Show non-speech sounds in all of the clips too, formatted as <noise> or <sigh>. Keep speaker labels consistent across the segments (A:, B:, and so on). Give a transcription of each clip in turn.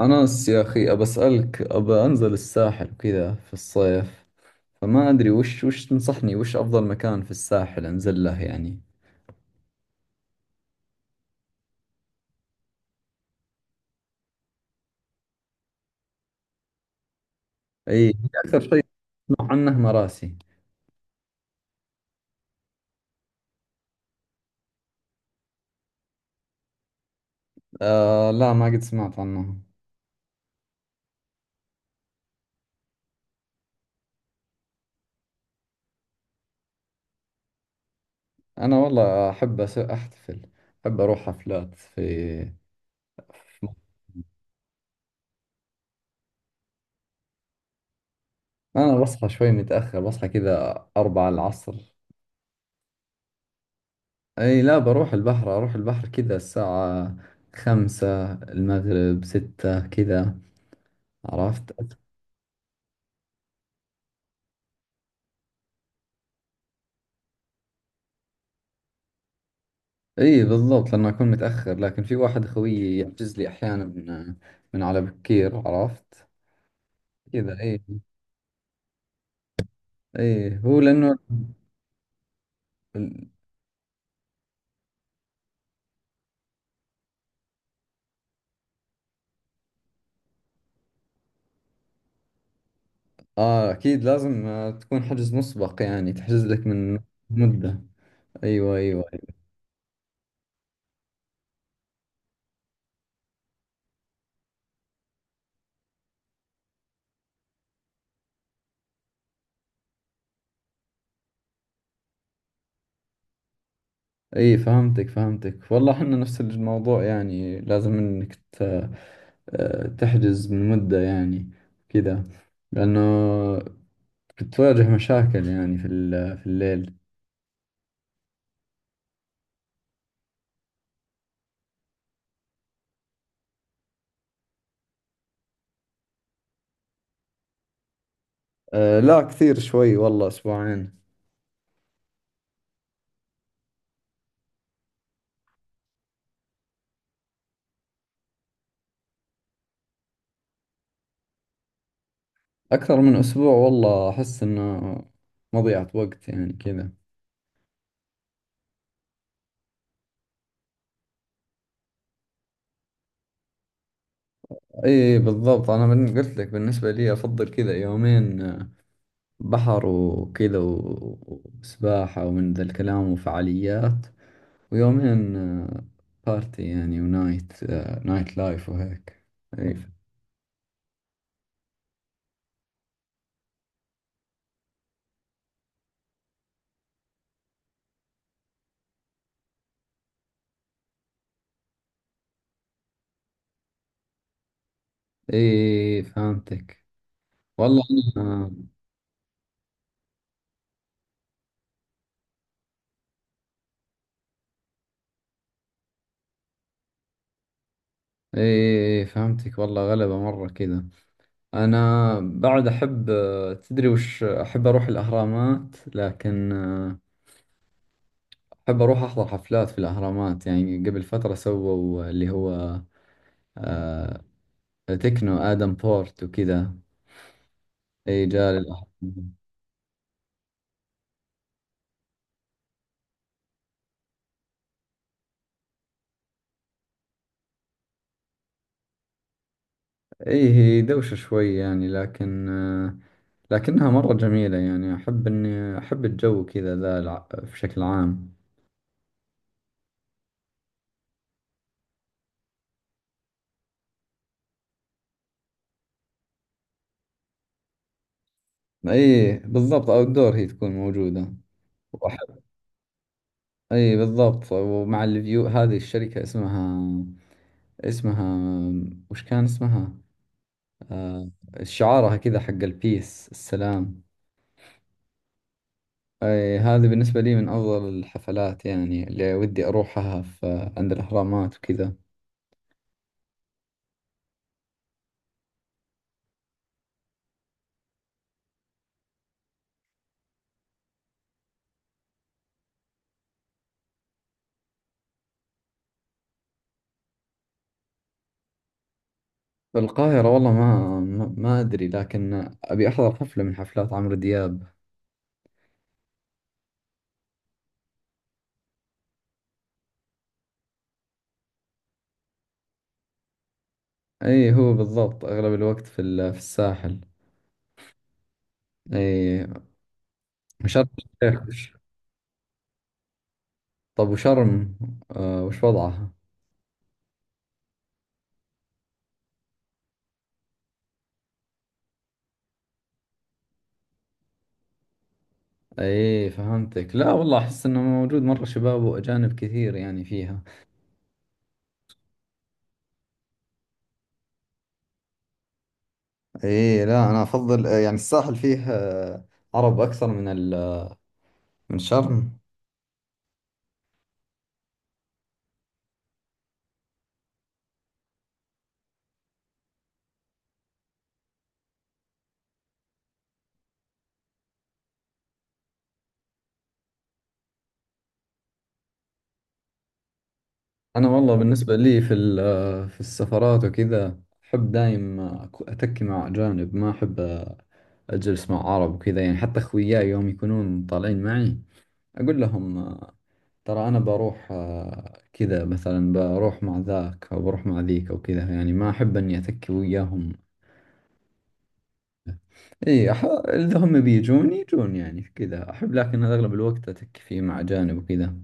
A: أنس يا أخي أبى أسألك، أبى أنزل الساحل وكذا في الصيف. فما أدري وش تنصحني، وش أفضل مكان في الساحل أنزل له يعني. أي، أكثر شيء أسمع عنه مراسي. آه لا، ما قد سمعت عنه. أنا والله أحب أحتفل، أحب أروح حفلات في. أنا بصحى شوي متأخر، بصحى كذا أربعة العصر. أي لا، بروح البحر، أروح البحر كذا الساعة خمسة المغرب ستة كذا، عرفت. اي بالضبط، لانه اكون متاخر، لكن في واحد خويي يحجز لي احيانا من من على بكير، عرفت. كذا اي، اي هو لانه. اه اكيد لازم تكون حجز مسبق يعني، تحجز لك من مده. ايوه ايوه أيوة. اي فهمتك فهمتك، والله احنا نفس الموضوع، يعني لازم انك تحجز من مده يعني كذا، لانه بتواجه مشاكل يعني في في الليل. آه لا، كثير شوي والله أسبوعين، أكثر من أسبوع، والله أحس إنه مضيعة وقت يعني كذا. إي بالضبط، أنا من قلت لك بالنسبة لي أفضل كذا يومين بحر وكذا وسباحة ومن ذا الكلام وفعاليات، ويومين بارتي يعني ونايت، نايت لايف وهيك. إي إي فهمتك، والله أنا إي فهمتك، والله غلبة مرة كذا. أنا بعد أحب، تدري وش أحب؟ أروح الأهرامات، لكن أحب أروح أحضر حفلات في الأهرامات يعني. قبل فترة سووا اللي هو آه، تكنو آدم بورت وكذا، أي جال الأهرامات. أي هي دوشة شوي يعني، لكن لكنها مرة جميلة يعني، أحب إني أحب الجو كذا ذا في شكل عام. أي بالضبط، أوت دور هي تكون موجودة. وأحب، أي بالضبط، ومع الفيو. هذه الشركة اسمها، اسمها، وش كان اسمها، آه، شعارها كذا حق البيس السلام. أي هذه بالنسبة لي من أفضل الحفلات يعني، اللي ودي أروحها في عند الأهرامات وكذا. في القاهرة والله ما أدري، لكن أبي أحضر حفلة من حفلات عمرو دياب. أي هو بالضبط أغلب الوقت في في الساحل. أي شرم الشيخ طب وشرم، آه وش وضعها؟ أي فهمتك، لا والله أحس إنه موجود مرة شباب وأجانب كثير يعني فيها. ايه لا، انا افضل يعني الساحل فيه عرب اكثر من من شرم. انا والله بالنسبه لي في في السفرات وكذا احب دايم اتكي مع اجانب، ما احب اجلس مع عرب وكذا يعني. حتى اخوياي يوم يكونون طالعين معي اقول لهم، ترى انا بروح، كذا مثلا بروح مع ذاك او بروح مع ذيك او كذا يعني، ما احب اني اتكي وياهم. اي اذا هم بيجون يجون يعني كذا احب، لكن اغلب الوقت اتك فيه مع اجانب وكذا.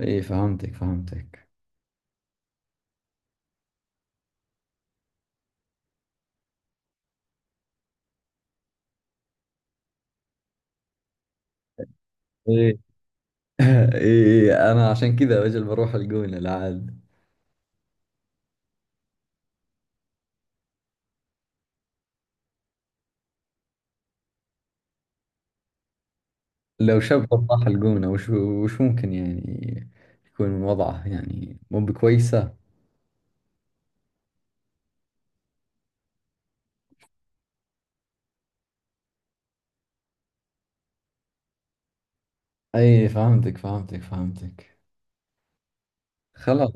A: اي فهمتك فهمتك. ايه <laughs> اي انا عشان كذا اجل بروح الجونة العاد. لو شاب راح الجونة، وش وش ممكن يعني يكون وضعه يعني؟ مو بكويسة. اي فهمتك فهمتك فهمتك، خلاص.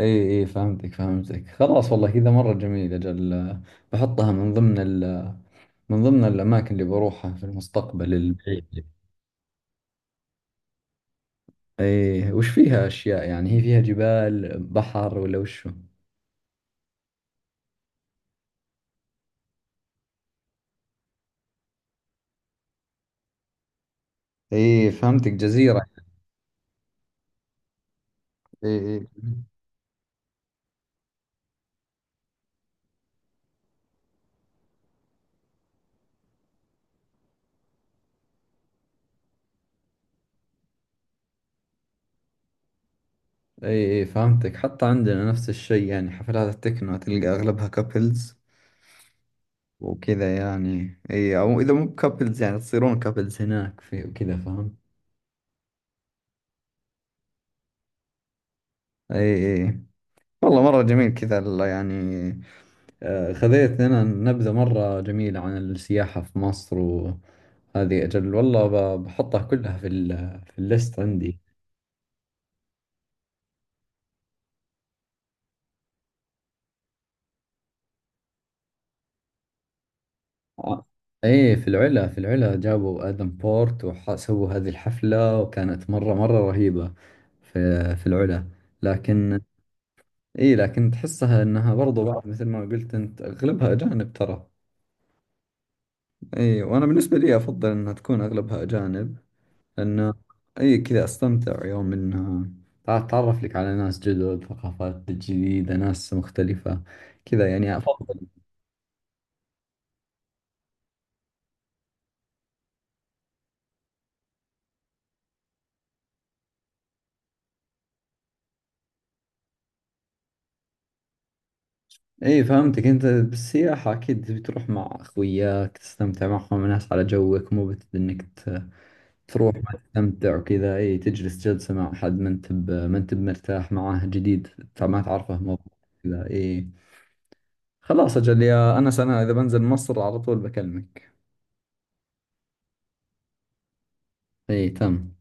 A: اي اي فهمتك فهمتك، خلاص والله كذا مرة جميل اجل، بحطها من ضمن ال، من ضمن الاماكن اللي بروحها في المستقبل البعيد. ايه وش فيها اشياء يعني؟ هي فيها جبال بحر ولا وشو؟ ايه فهمتك، جزيرة. ايه ايه. ايه ايه فهمتك، حتى عندنا نفس الشيء يعني، حفلات التكنو تلقى اغلبها كابلز وكذا يعني. ايه او اذا مو كابلز يعني تصيرون كابلز هناك في وكذا، فاهم. ايه ايه، والله مرة جميل كذا يعني، خذيت لنا نبذة مرة جميلة عن السياحة في مصر، وهذه أجل والله بحطها كلها في ال، في الليست عندي. آه. ايه في العلا، في العلا جابوا ادم بورت وسووا هذه الحفلة وكانت مرة مرة رهيبة، في في العلا. لكن ايه لكن تحسها انها برضو بعض مثل ما قلت انت اغلبها اجانب ترى. ايه وانا بالنسبة لي افضل انها تكون اغلبها اجانب، لانه ايه كذا استمتع يوم انها تعرف لك على ناس جدد، ثقافات جديدة، ناس مختلفة كذا يعني افضل. ايه فهمتك، انت بالسياحة اكيد تبي تروح مع اخوياك تستمتع معهم، ناس على جوك، مو بت انك تروح ما تستمتع وكذا. ايه تجلس جلسة مع حد ما انت ما انت مرتاح معاه، جديد، ما تعرفه، مو كذا. ايه خلاص اجل يا انس، انا اذا بنزل مصر على طول بكلمك. ايه تم.